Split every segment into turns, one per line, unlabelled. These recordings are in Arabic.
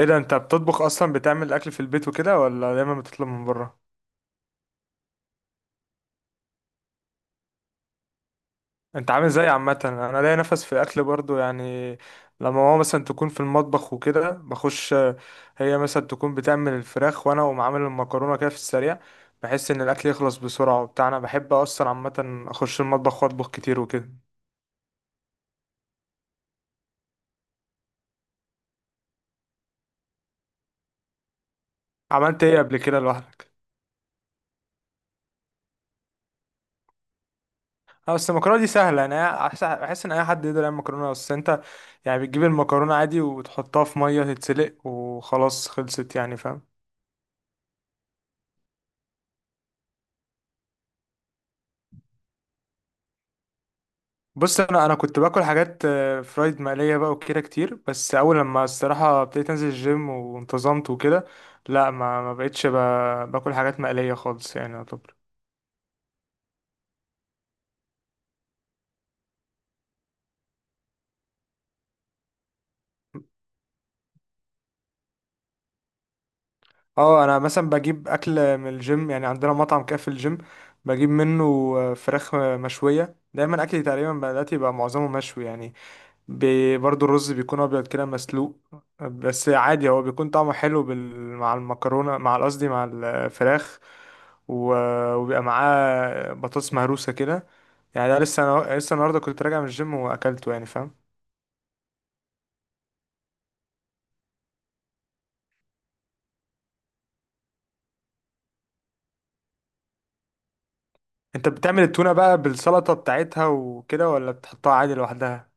ايه ده؟ انت بتطبخ اصلا، بتعمل اكل في البيت وكده ولا دايما بتطلب من بره؟ انت عامل زي عامه، انا ليا نفس في اكل برضو يعني. لما ماما مثلا تكون في المطبخ وكده بخش، هي مثلا تكون بتعمل الفراخ وانا اقوم عامل المكرونه كده في السريع. بحس ان الاكل يخلص بسرعه وبتاع، انا بحب اصلا عامه اخش المطبخ واطبخ كتير وكده. عملت ايه قبل كده لوحدك؟ اه بس المكرونه دي سهله، انا بحس ان اي حد يقدر يعمل مكرونه. بس انت يعني بتجيب المكرونه عادي وتحطها في ميه تتسلق وخلاص خلصت، يعني فاهم. بص، انا كنت باكل حاجات فرايد، مقليه بقى وكده كتير، بس اول لما الصراحه ابتديت انزل الجيم وانتظمت وكده، لا ما بقتش باكل حاجات مقليه خالص، يعني يعتبر. اه انا مثلا بجيب اكل من الجيم، يعني عندنا مطعم كده في الجيم بجيب منه فراخ مشويه. دايما اكلي تقريبا دلوقتي بقى معظمه مشوي يعني. برضو الرز بيكون ابيض كده مسلوق. بس عادي هو بيكون طعمه حلو مع المكرونه، مع قصدي مع الفراخ، و... وبيبقى معاه بطاطس مهروسه كده. يعني ده لسه النهارده كنت راجع من الجيم واكلته، يعني فاهم. انت بتعمل التونه بقى بالسلطه بتاعتها وكده، ولا بتحطها عادي لوحدها؟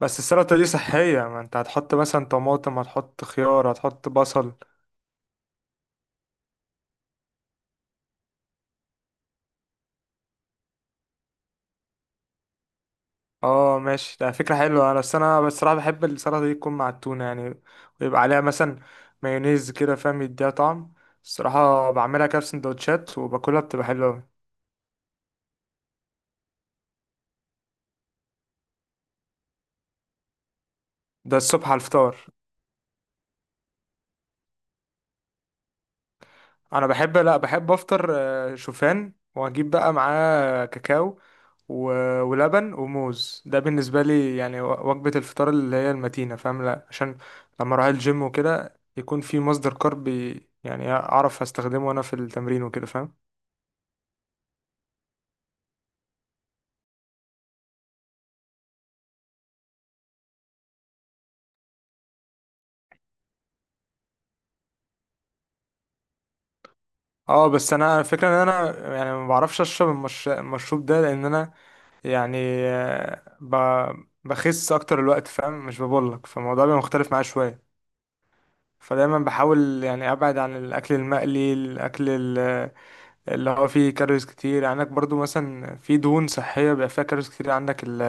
بس السلطه دي صحيه، ما انت هتحط مثلا طماطم، هتحط خيار، هتحط بصل. اه ماشي، ده فكرة حلوة. انا بس انا بصراحة بحب السلطة دي تكون مع التونة يعني، ويبقى عليها مثلا مايونيز كده فاهم، يديها طعم. الصراحة بعملها كده في سندوتشات وباكلها، بتبقى حلوة أوي. ده الصبح على الفطار. انا بحب، لا بحب افطر شوفان، واجيب بقى معاه كاكاو و... ولبن وموز. ده بالنسبة لي يعني وجبة الفطار اللي هي المتينة فاهم، لا عشان لما اروح الجيم وكده يكون في مصدر كارب، يعني اعرف استخدمه وانا في التمرين وكده فاهم. اه بس انا الفكره ان انا يعني ما بعرفش اشرب المشروب ده، لان انا يعني آه، ب... بخس اكتر الوقت فاهم، مش ببولك، فالموضوع بيبقى مختلف معايا شويه. فدايما بحاول يعني ابعد عن الاكل المقلي، ال- اللي هو فيه كالوريز كتير. يعني عندك برضو مثلا في دهون صحيه بيبقى فيها كالوريز كتير، عندك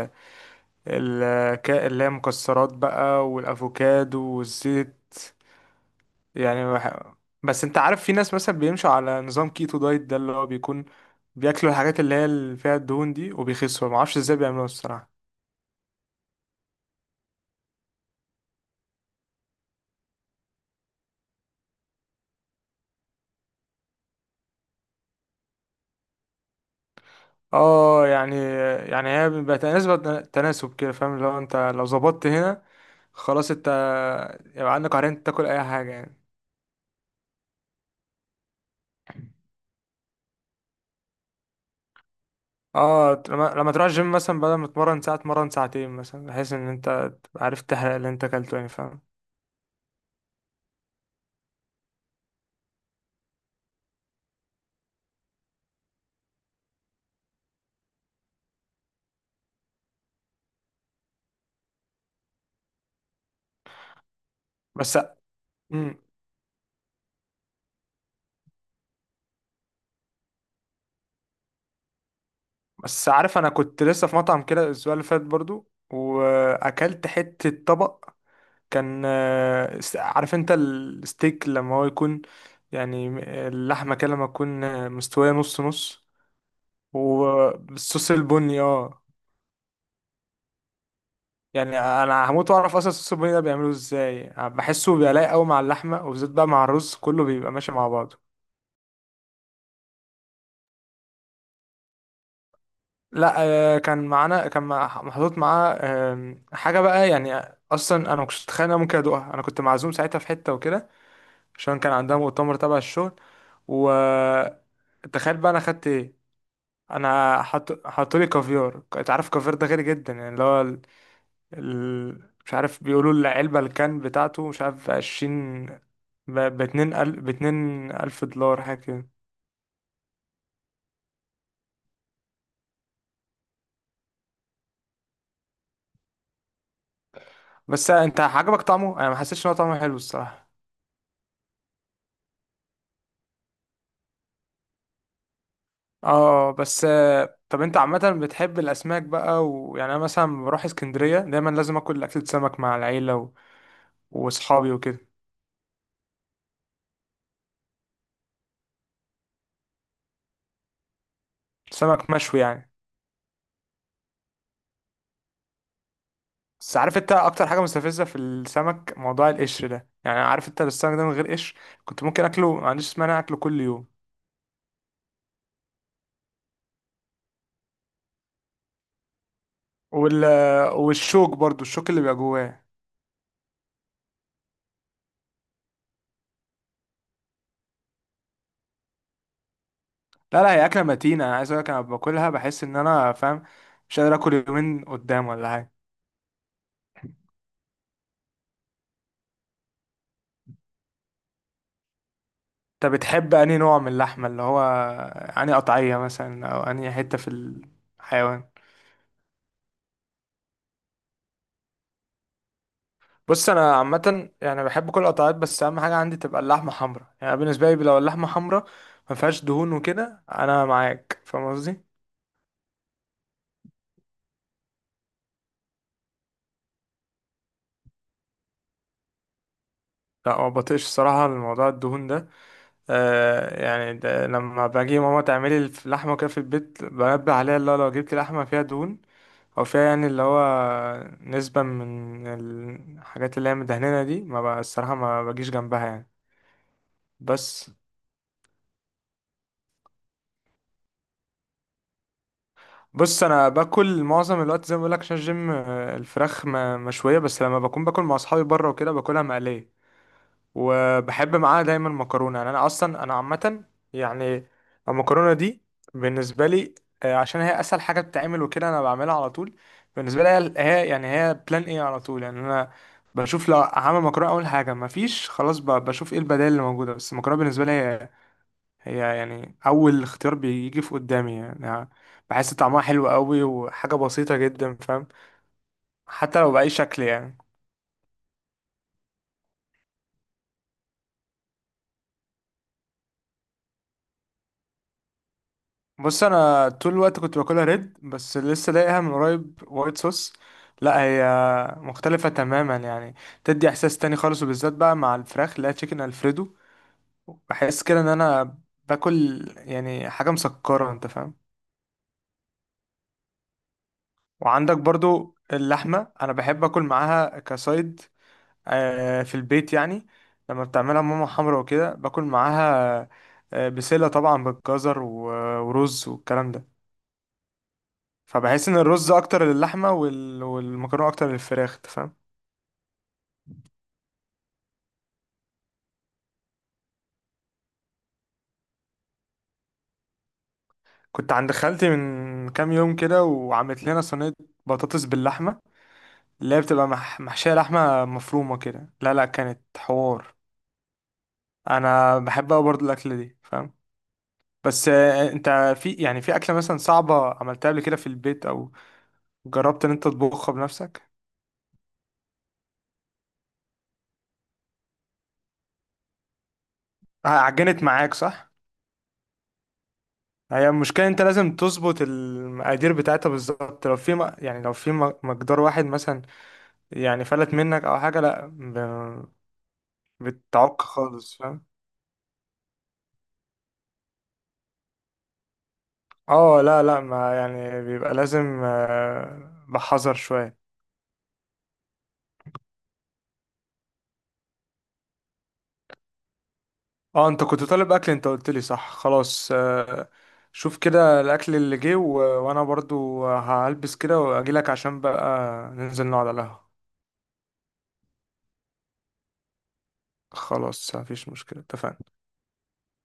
ال... اللي هي مكسرات بقى والافوكادو والزيت. يعني بس انت عارف في ناس مثلا بيمشوا على نظام كيتو دايت، ده اللي هو بيكون بياكلوا الحاجات اللي هي اللي فيها الدهون دي وبيخسوا، ما اعرفش ازاي بيعملوها الصراحه. اه يعني، هي بيبقى تناسب كده فاهم، اللي هو انت لو ظبطت هنا خلاص، انت يبقى عندك عرين تاكل اي حاجه يعني. اه، لما تروح الجيم مثلا، بدل ما تتمرن ساعه تمرن ساعتين مثلا، بحيث ان انت تبقى عارف تحرق اللي انت اكلته، يعني فاهم. بس مم. بس عارف، انا كنت لسه في مطعم كده الاسبوع اللي فات برضو، واكلت حتة طبق كان عارف انت الستيك لما هو يكون، يعني اللحمة كده لما تكون مستوية نص نص، وبالصوص البني، اه. يعني انا هموت واعرف اصلا الصوص البني ده بيعمله ازاي، بحسه بيبقى لايق قوي مع اللحمة، وبالذات بقى مع الرز، كله بيبقى ماشي مع بعضه. لا، كان معانا، محطوط معاه حاجة بقى يعني. أصلا أنا ما كنتش أتخيل إن أنا ممكن أدوقها، أنا كنت معزوم ساعتها في حتة وكده، عشان كان عندها مؤتمر تبع الشغل. و تخيل بقى أنا خدت إيه؟ أنا حطولي كافيار. أنت عارف الكافيار ده غالي جدا يعني، اللي هو مش عارف، بيقولوا العلبة الكان بتاعته مش عارف 20، 2000 دولار، حاجة كده. بس أنت عجبك طعمه؟ أنا ما حسيتش إن هو طعمه حلو الصراحة. اه بس، طب انت عامة بتحب الأسماك بقى؟ ويعني أنا مثلا لما بروح اسكندرية دايما لازم آكل أكلة سمك مع العيلة وأصحابي وكده. سمك مشوي يعني. بس عارف انت أكتر حاجة مستفزة في السمك، موضوع القشر ده، يعني عارف انت، السمك ده من غير قشر كنت ممكن أكله، ما عنديش مانع أكله كل يوم. وال... والشوك برضو، الشوك اللي بيبقى جواه. لا لا، هي أكلة متينة، أنا عايز أقولك أنا باكلها بحس إن أنا فاهم، مش قادر آكل يومين قدام ولا حاجة. انت بتحب انهي نوع من اللحمه؟ اللي هو انهي قطعيه مثلا، او انهي حته في الحيوان؟ بص انا عامه يعني بحب كل القطعات، بس اهم حاجه عندي تبقى اللحمه حمراء. يعني بالنسبه لي لو اللحمه حمراء ما فيهاش دهون وكده، انا معاك فاهم قصدي. لا ما بطيقش الصراحه الموضوع الدهون ده، يعني ده لما باجي ماما تعملي اللحمه كده في البيت بنبه عليها، اللي هو لو جبت لحمه فيها دهون او فيها يعني اللي هو نسبة من الحاجات اللي هي مدهننة دي، ما بقى الصراحة ما بجيش جنبها يعني. بس. بص انا باكل معظم الوقت زي ما بقول لك عشان الجيم، الفراخ مشويه، بس لما بكون باكل مع اصحابي بره وكده باكلها مقليه، وبحب معاها دايما مكرونه. يعني انا اصلا، عامه يعني المكرونه دي بالنسبه لي عشان هي اسهل حاجه بتتعمل وكده، انا بعملها على طول. بالنسبه لي يعني هي بلان ايه على طول، يعني انا بشوف لو هعمل مكرونه اول حاجه، مفيش خلاص، بشوف ايه البدائل اللي موجوده. بس المكرونه بالنسبه لي هي يعني اول اختيار بيجي في قدامي. يعني بحس طعمها حلو قوي وحاجه بسيطه جدا فاهم، حتى لو باي شكل يعني. بص انا طول الوقت كنت باكلها ريد، بس لسه لاقيها من قريب وايت صوص. لا، هي مختلفه تماما يعني، تدي احساس تاني خالص، وبالذات بقى مع الفراخ، اللي هي تشيكن الفريدو، بحس كده ان انا باكل يعني حاجه مسكره انت فاهم. وعندك برضو اللحمه، انا بحب اكل معاها كسايد في البيت يعني، لما بتعملها ماما حمرا وكده باكل معاها بسلة طبعا بالجزر ورز والكلام ده. فبحس ان الرز اكتر للحمة والمكرونة اكتر للفراخ أنت فاهم. كنت عند خالتي من كام يوم كده، وعملت لنا صينية بطاطس باللحمة، اللي هي بتبقى محشية لحمة مفرومة كده، لا لا كانت حوار. انا بحب أوي برضه الاكلة دي فاهم. بس انت في يعني في اكلة مثلا صعبة عملتها قبل كده في البيت، او جربت ان انت تطبخها بنفسك؟ عجنت معاك صح. هي المشكله انت لازم تظبط المقادير بتاعتها بالظبط، لو في يعني لو في مقدار واحد مثلا يعني فلت منك او حاجه، لا بتعك خالص فاهم. اه لا لا، ما يعني بيبقى لازم بحذر شويه. اه انت كنت طالب اكل، انت قلت لي صح، خلاص شوف كده الاكل اللي جه، وانا برضو هلبس كده واجي لك، عشان بقى ننزل نقعد على القهوه. خلاص مفيش مشكله، اتفقنا.